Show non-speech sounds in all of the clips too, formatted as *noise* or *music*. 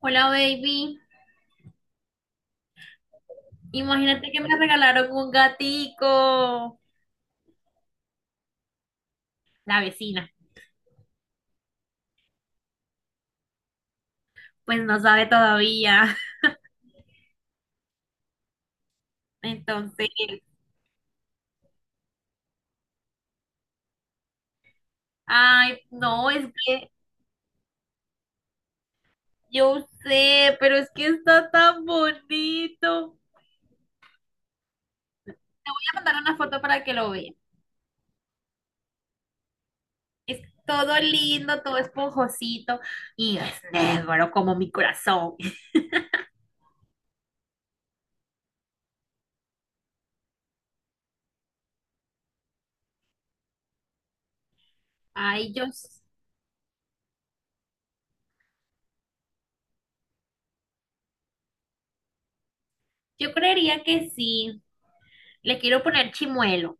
Hola, baby. Imagínate que me regalaron un gatico. La vecina, pues no sabe todavía. *laughs* Entonces, ay, no, es que yo sé, pero es que está tan bonito. Te voy a mandar una foto para que lo veas. Es todo lindo, todo esponjosito y es negro como mi corazón. *laughs* Ay, yo creería que sí. Le quiero poner chimuelo.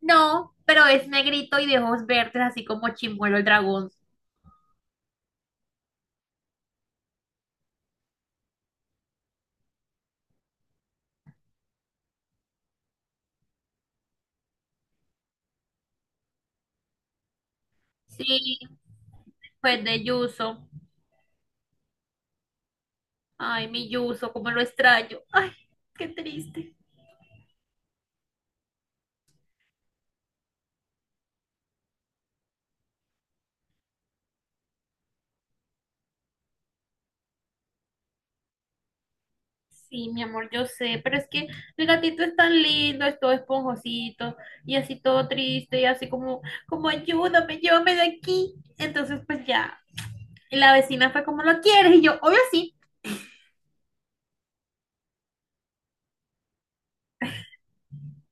No, pero es negrito y de ojos verdes, así como Chimuelo el dragón. Sí, pues de Yuso. Ay, mi Yuso, cómo lo extraño. Ay, qué triste. Sí, mi amor, yo sé, pero es que el gatito es tan lindo, es todo esponjosito y así todo triste y así como, como ayúdame, llévame de aquí. Entonces, pues ya, y la vecina fue como, ¿lo quieres? Y yo, obvio sí.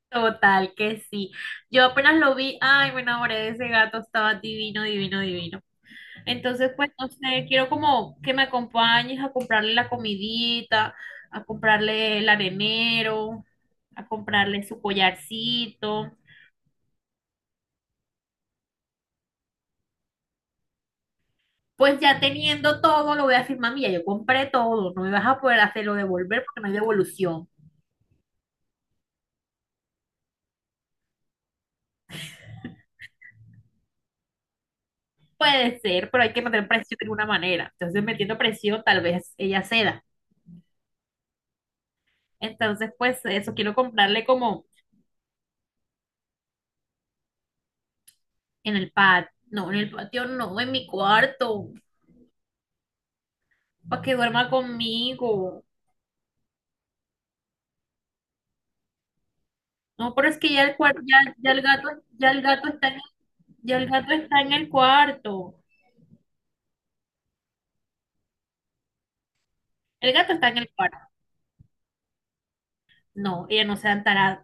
Total, que sí. Yo apenas lo vi, ay, me enamoré de ese gato, estaba divino, divino, divino. Entonces, pues, no sé, quiero como que me acompañes a comprarle la comidita, a comprarle el arenero, a comprarle su collarcito. Pues ya teniendo todo, lo voy a decir, mami, ya yo compré todo, no me vas a poder hacerlo devolver porque no hay devolución. Puede ser, pero hay que meter presión de alguna manera. Entonces, metiendo presión, tal vez ella ceda. Entonces, pues, eso quiero comprarle como en el patio, no, en el patio no, en mi cuarto, para que duerma conmigo. No, pero es que ya el cuar- ya, ya el gato está en, ya el gato está en el cuarto. El gato está en el cuarto. No, ella no se ha enterado.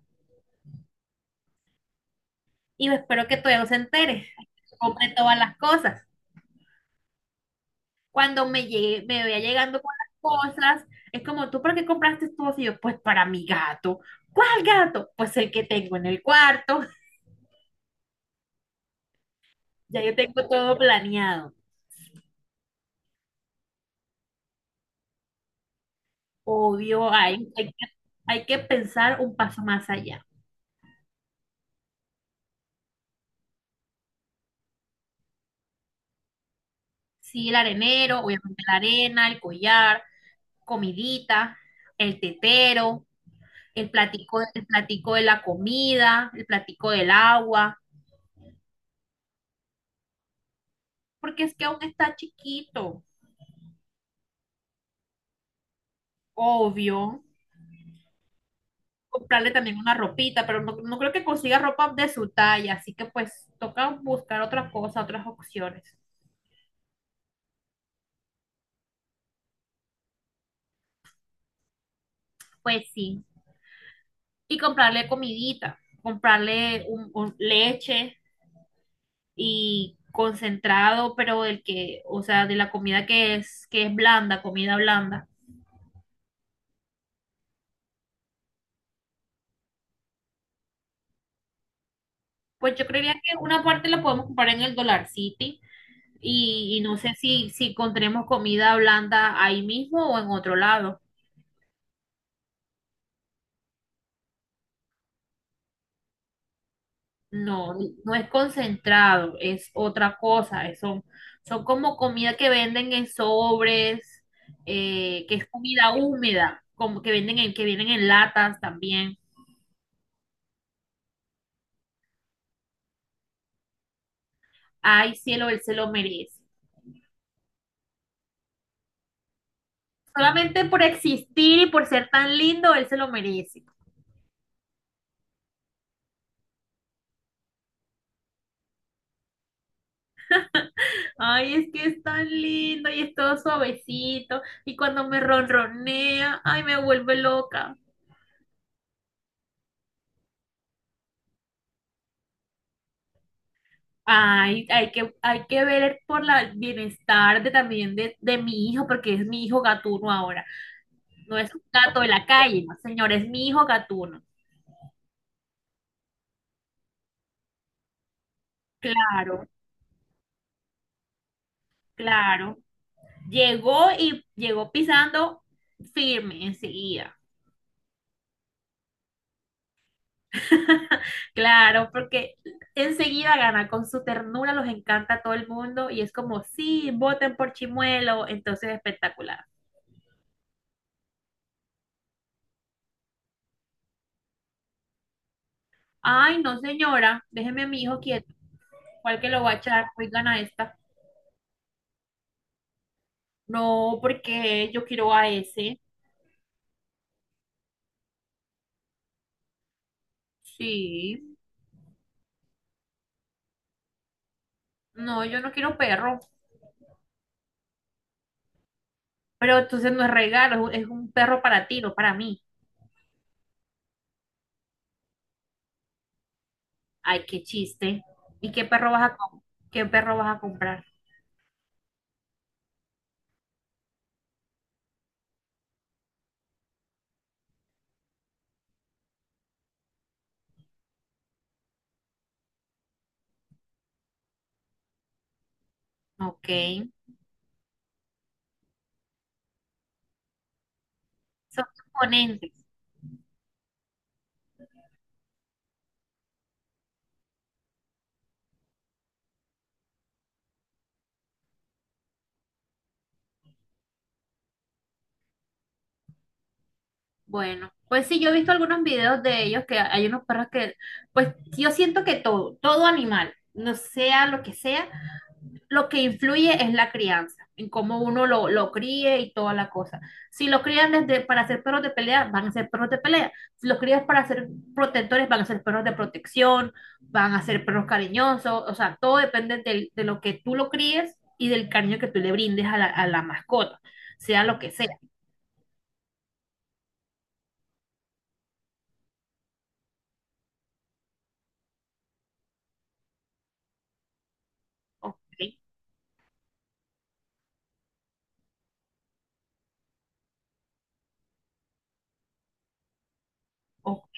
Y yo espero que todavía no se entere. Compré todas las cosas. Cuando me llegue, me vea llegando con las cosas, es como, ¿tú para qué compraste todo? Y yo, pues para mi gato. ¿Cuál gato? Pues el que tengo en el cuarto. *laughs* Ya yo tengo todo planeado. Obvio, hay que pensar un paso más allá. Sí, el arenero, obviamente la arena, el collar. Comidita, el tetero, el platico de la comida, el platico del agua, porque es que aún está chiquito, obvio. Comprarle también una ropita, pero no, no creo que consiga ropa de su talla, así que pues toca buscar otra cosa, otras opciones. Pues sí, y comprarle comidita, comprarle un leche y concentrado, pero del que, o sea, de la comida que es blanda, comida blanda. Pues yo creería que una parte la podemos comprar en el Dollar City y no sé si, si encontremos comida blanda ahí mismo o en otro lado. No, no es concentrado, es otra cosa. Es- son, son como comida que venden en sobres, que es comida húmeda, como que venden en, que vienen en latas también. Ay, cielo, él se lo merece. Solamente por existir y por ser tan lindo, él se lo merece. Ay, es que es tan lindo y es todo suavecito. Y cuando me ronronea, ay, me vuelve loca. Ay, hay que ver por la- el bienestar de, también de mi hijo, porque es mi hijo gatuno ahora. No es un gato de la calle, no, señor, es mi hijo gatuno. Claro, claro. Llegó y llegó pisando firme enseguida. *laughs* Claro, porque enseguida gana, con su ternura los encanta a todo el mundo y es como, sí, voten por Chimuelo, entonces espectacular. Ay, no, señora, déjeme a mi hijo quieto. ¿Cuál que lo va a echar? Hoy gana esta. No, porque yo quiero a ese. Sí. No, yo no quiero perro. Pero entonces no es regalo, es un perro para ti, no para mí. Ay, qué chiste. ¿Y qué perro vas a com- ¿Qué perro vas a comprar? Ok. Son componentes. Bueno, pues sí, yo he visto algunos videos de ellos que hay unos perros que, pues yo siento que todo, todo animal, no sea lo que sea, lo que influye es la crianza, en cómo uno lo críe y toda la cosa. Si lo crían desde para ser perros de pelea, van a ser perros de pelea. Si los crías para ser protectores, van a ser perros de protección, van a ser perros cariñosos, o sea, todo depende del- de lo que tú lo críes y del cariño que tú le brindes a la mascota, sea lo que sea. Ok, ok.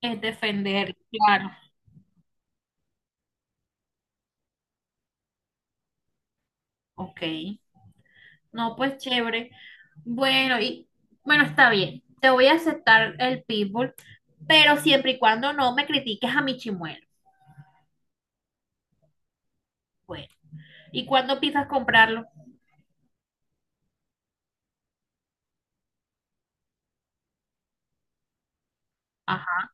Es defender, claro. Ok. No, pues chévere. Bueno, y bueno, está bien. Te voy a aceptar el pitbull, pero siempre y cuando no me critiques a mi chimuelo. Bueno. ¿Y cuándo empiezas a comprarlo? Ajá,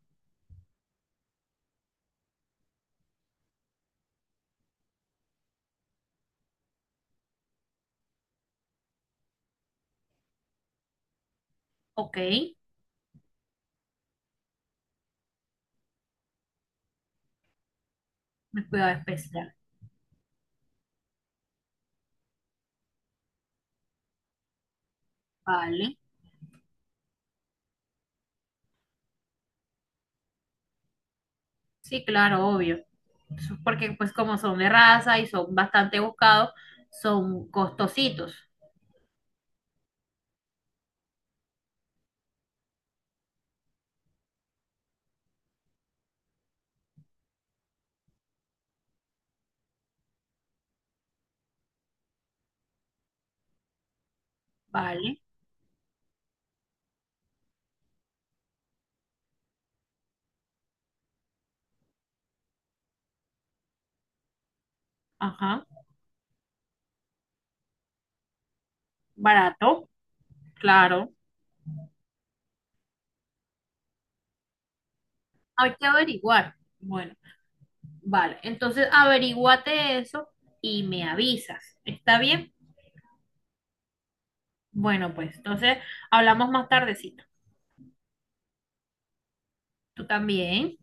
ok. Mi cuidado especial. Vale. Sí, claro, obvio. Eso es porque pues como son de raza y son bastante buscados, son costositos. Vale. Ajá. Barato. Claro. Hay que averiguar. Bueno. Vale, entonces averíguate eso y me avisas. ¿Está bien? Bueno, pues entonces hablamos más tardecito. Tú también.